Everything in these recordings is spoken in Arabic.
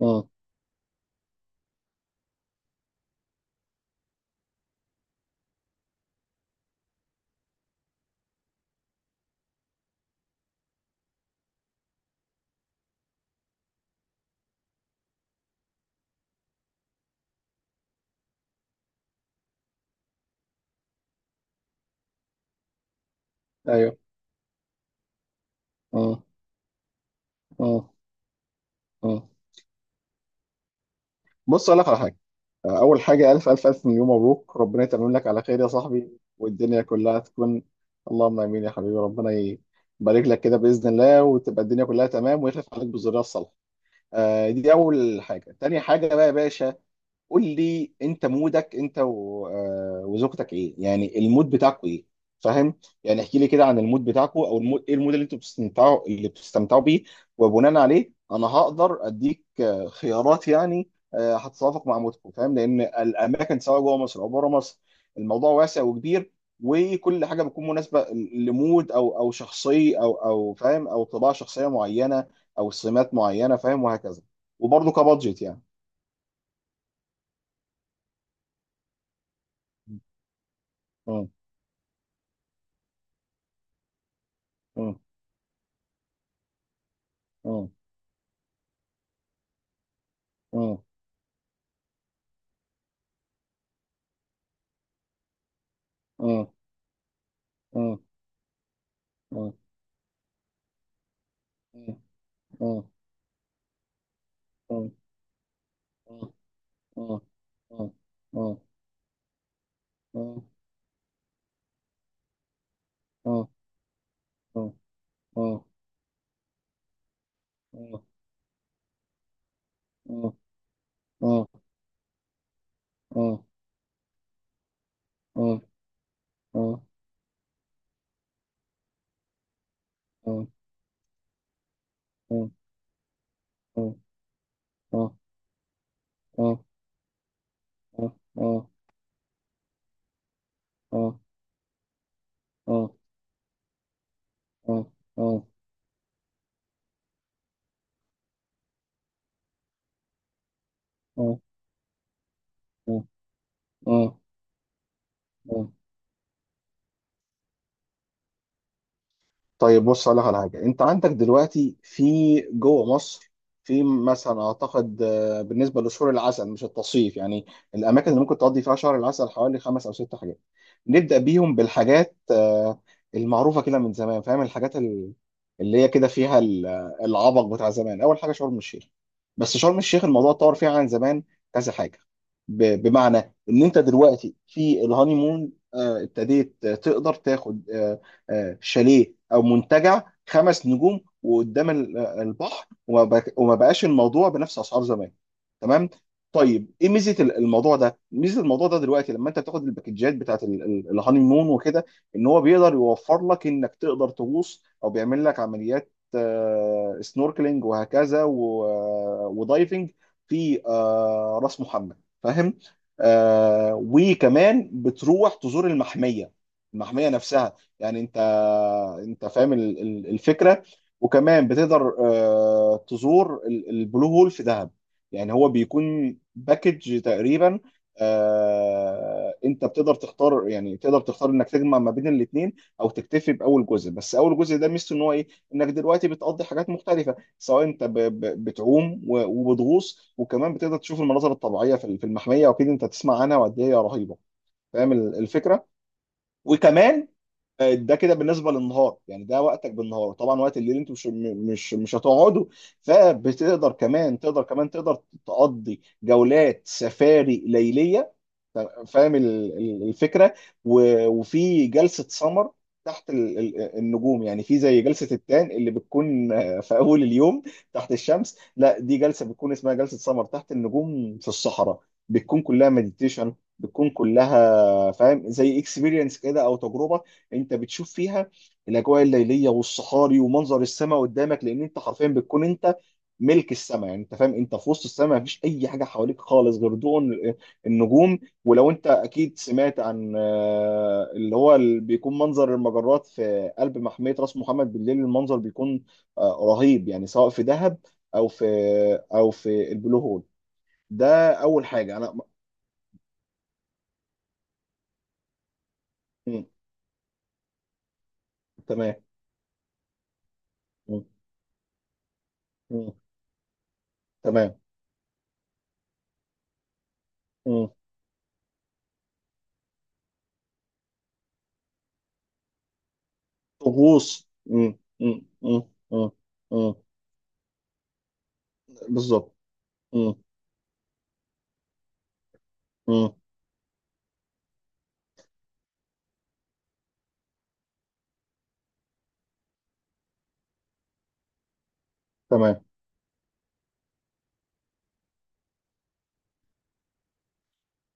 اه. ايوه. اه. اه. اه. بص، اقول لك على حاجه. اول حاجه، الف الف الف مليون مبروك، ربنا يتمم لك على خير يا صاحبي، والدنيا كلها تكون. اللهم امين يا حبيبي. ربنا يبارك لك كده باذن الله، وتبقى الدنيا كلها تمام، ويخلف عليك بالذريه الصالحه. دي اول حاجه. تاني حاجه بقى يا باشا، قول لي انت مودك انت وزوجتك ايه، يعني المود بتاعكوا ايه؟ فاهم؟ يعني احكي لي كده عن المود بتاعكوا، او المود ايه، المود اللي انتوا بتستمتعوا اللي بتستمتعوا بيه. وبناء عليه انا هقدر اديك خيارات، يعني هتتوافق مع مودكوا. فاهم؟ لان الاماكن سواء جوه مصر او بره مصر، الموضوع واسع وكبير، وكل حاجه بتكون مناسبه لمود، او شخصيه، او فاهم، او طباع شخصيه معينه، او سمات معينه، فاهم، وهكذا، وبرضه كبادجت يعني. م- م- اه. اه. اه. اه. اه. اه. اه. اه. اه. اه. اه. اه. اه. اه. اه. اه. اه. اه. اه. اه. اه. اه. اه. اه. اه. اه. اه. اه. اه. اه. اه. اه. اه. اه. طيب، بص اقول لك على حاجه. انت عندك دلوقتي في جوه مصر، في مثلا اعتقد، بالنسبه لشهور العسل مش التصيف يعني، الاماكن اللي ممكن تقضي فيها شهر العسل حوالي 5 أو 6 حاجات. نبدا بيهم بالحاجات المعروفه كده من زمان، فاهم، الحاجات اللي هي كده فيها العبق بتاع زمان. اول حاجه، شرم الشيخ. بس شرم الشيخ الموضوع اتطور فيها عن زمان كذا حاجه، بمعنى ان انت دلوقتي في الهانيمون ابتديت تقدر تاخد شاليه او منتجع 5 نجوم، وقدام البحر، وما بقاش الموضوع بنفس اسعار زمان. تمام؟ طيب، ايه ميزه الموضوع ده، ميزه الموضوع ده دلوقتي، لما انت بتاخد الباكجات بتاعت الهاني مون وكده، ان هو بيقدر يوفر لك انك تقدر تغوص، او بيعمل لك عمليات سنوركلينج وهكذا، ودايفنج في راس محمد. فاهم؟ وكمان بتروح تزور المحميه، المحميه نفسها، يعني انت فاهم الفكره. وكمان بتقدر تزور البلو هول في دهب. يعني هو بيكون باكج تقريبا، انت بتقدر تختار، يعني تقدر تختار انك تجمع ما بين الاثنين، او تكتفي باول جزء. بس اول جزء ده ميزته ان هو ايه؟ انك دلوقتي بتقضي حاجات مختلفه، سواء انت بتعوم وبتغوص، وكمان بتقدر تشوف المناظر الطبيعيه في المحميه، واكيد انت تسمع عنها وقد ايه هي رهيبه. فاهم الفكره؟ وكمان، ده كده بالنسبه للنهار يعني، ده وقتك بالنهار. طبعا وقت الليل انتوا مش هتقعدوا، فبتقدر كمان، تقدر تقضي جولات سفاري ليليه. فاهم الفكره؟ وفي جلسه سمر تحت النجوم. يعني في زي جلسه التان اللي بتكون في اول اليوم تحت الشمس، لا، دي جلسه بتكون اسمها جلسه سمر تحت النجوم في الصحراء. بتكون كلها مديتيشن، بتكون كلها فاهم زي اكسبيرينس كده او تجربه. انت بتشوف فيها الاجواء الليليه والصحاري ومنظر السماء قدامك، لان انت حرفيا بتكون انت ملك السماء، يعني انت فاهم، انت في وسط السماء، مفيش اي حاجه حواليك خالص غير ضوء النجوم. ولو انت اكيد سمعت عن اللي بيكون منظر المجرات في قلب محمية راس محمد بالليل، المنظر بيكون رهيب يعني، سواء في دهب، او في او في البلو هول. ده اول حاجة انا. مم. تمام. مم. مم. تمام. مم. طقوس. مم. مم. مم. مم. مم. بالظبط. مم. مم. تمام.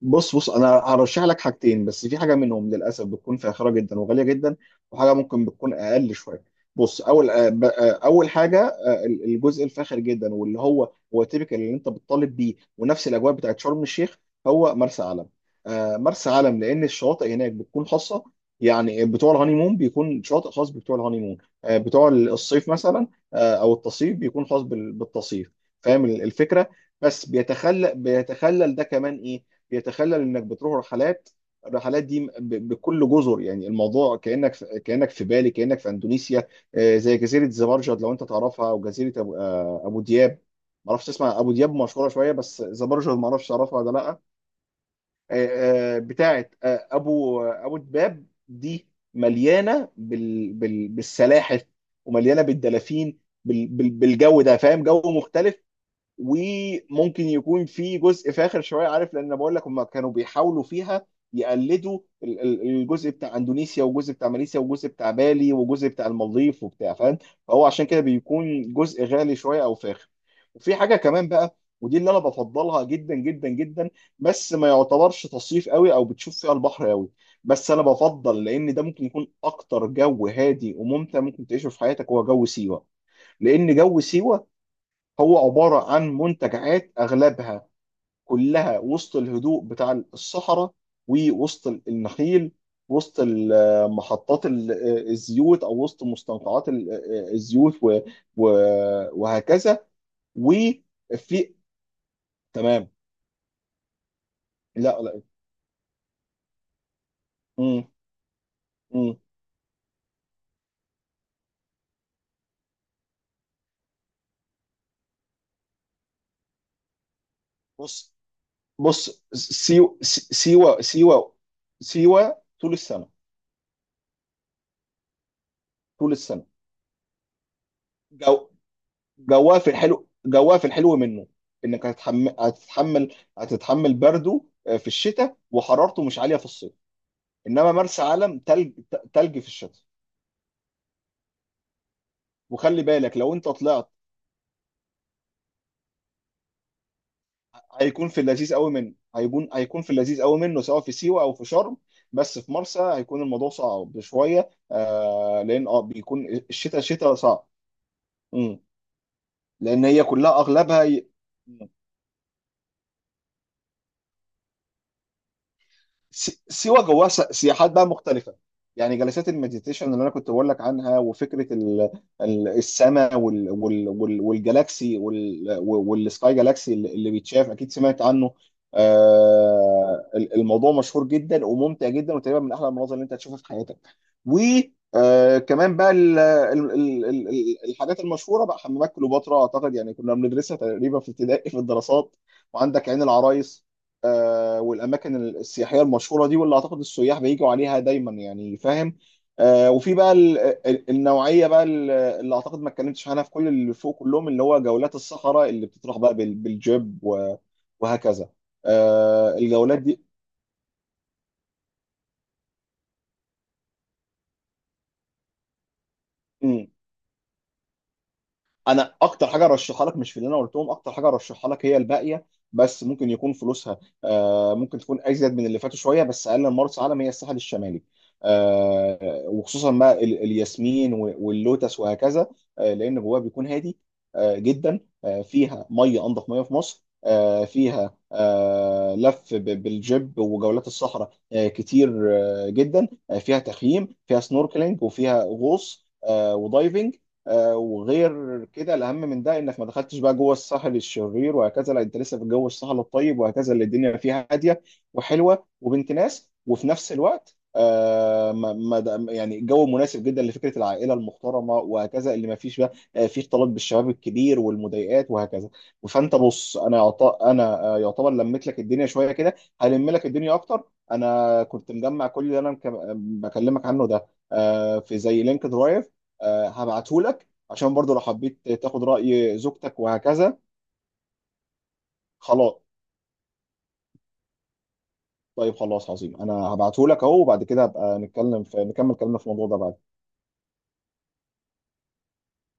بص، انا هرشح لك حاجتين، بس في حاجه منهم للاسف بتكون فاخره جدا وغاليه جدا، وحاجه ممكن بتكون اقل شويه. بص، اول حاجه، الجزء الفاخر جدا، واللي هو تيبيكال اللي انت بتطالب بيه، ونفس الاجواء بتاعت شرم الشيخ، هو مرسى علم. مرسى علم، لان الشواطئ هناك بتكون خاصه، يعني بتوع الهانيمون بيكون شاطئ خاص بتوع الهانيمون، بتوع الصيف مثلا، او التصيف بيكون خاص بالتصيف. فاهم الفكره؟ بس بيتخلل ده كمان ايه، يتخلل انك بتروح رحلات، الرحلات دي بكل جزر، يعني الموضوع كانك في، بالي، كانك في اندونيسيا. زي جزيره زبرجد لو انت تعرفها، او جزيره ابو, آه، أبو دياب، ما اعرفش تسمع ابو دياب، مشهوره شويه، بس زبرجد ما اعرفش تعرفها ولا لا. آه، بتاعه ابو دباب دي، مليانه بالسلاحف ومليانه بالدلافين، بالجو ده، فاهم، جو مختلف. وممكن يكون في جزء فاخر شويه، عارف، لان أنا بقول لك هم كانوا بيحاولوا فيها يقلدوا الجزء بتاع اندونيسيا، والجزء بتاع ماليزيا، والجزء بتاع بالي، والجزء بتاع المالديف، وبتاع، فاهم، فهو عشان كده بيكون جزء غالي شويه او فاخر. وفي حاجه كمان بقى، ودي اللي انا بفضلها جدا جدا جدا، بس ما يعتبرش تصيف قوي او بتشوف فيها البحر قوي، بس انا بفضل، لان ده ممكن يكون اكتر جو هادي وممتع ممكن تعيشه في حياتك، هو جو سيوه. لان جو سيوه هو عبارة عن منتجعات أغلبها كلها وسط الهدوء بتاع الصحراء، ووسط النخيل، وسط محطات الزيوت، أو وسط مستنقعات الزيوت، وهكذا. وفي. تمام. لا، لا. مم. مم. بص بص، سيوة. سيوة طول السنة. طول السنة. جو جواه في الحلو منه، انك هتتحمل برده، في الشتاء، وحرارته مش عاليه في الصيف. انما مرسى علم تلج، تلج في الشتاء. وخلي بالك، لو انت طلعت هيكون في اللذيذ قوي منه، هيكون في اللذيذ قوي منه، سواء في سيوه او في شرم، بس في مرسى هيكون الموضوع صعب شويه، لان، بيكون الشتاء شتاء صعب. مم. لان هي كلها اغلبها سيوة جواها سياحات بقى مختلفة. يعني جلسات المديتيشن اللي انا كنت بقول لك عنها، وفكرة السماء، والجالاكسي، والسكاي جالاكسي اللي بيتشاف، اكيد سمعت عنه. الموضوع مشهور جدا وممتع جدا، وتقريبا من احلى المناظر اللي انت هتشوفها في حياتك. وكمان بقى الحاجات المشهورة بقى، حمامات كليوباترا، اعتقد يعني كنا بندرسها تقريبا في ابتدائي في الدراسات، وعندك عين العرايس، والاماكن السياحيه المشهوره دي، واللي اعتقد السياح بيجوا عليها دايما يعني، فاهم، وفي بقى النوعيه بقى، اللي اعتقد ما اتكلمتش عنها في كل اللي فوق كلهم، اللي هو جولات الصحراء اللي بتطرح بقى بالجيب وهكذا، الجولات دي. انا اكتر حاجه ارشحها لك مش في اللي انا قلتهم، اكتر حاجه ارشحها لك هي الباقيه، بس ممكن يكون فلوسها ممكن تكون ازيد من اللي فاتوا شويه، بس اقل من مرسى علم، هي الساحل الشمالي. وخصوصا بقى الياسمين واللوتس وهكذا. لان جواها بيكون هادي جدا، فيها ميه انضف ميه في مصر، فيها لف بالجيب وجولات الصحراء كتير جدا، فيها تخييم، فيها سنوركلينج، وفيها غوص ودايفنج. وغير كده، الاهم من ده انك ما دخلتش بقى جوه الساحل الشرير وهكذا، لا، انت لسه في جو الساحل الطيب وهكذا، اللي الدنيا فيها هاديه وحلوه وبنت ناس، وفي نفس الوقت آه ما ما د- يعني جو مناسب جدا لفكره العائله المحترمه وهكذا، اللي ما فيش بقى فيه اختلاط بالشباب الكبير والمضايقات وهكذا. فانت بص، انا يعتبر لميت لك الدنيا شويه كده، هلم لك الدنيا اكتر. انا كنت مجمع كل اللي انا بكلمك عنه ده في زي لينك درايف، هبعته لك، عشان برضو لو حبيت تاخد رأي زوجتك وهكذا. خلاص. طيب، خلاص، عظيم، انا هبعته لك اهو، وبعد كده هبقى نتكلم نكمل كلامنا في الموضوع ده بعد.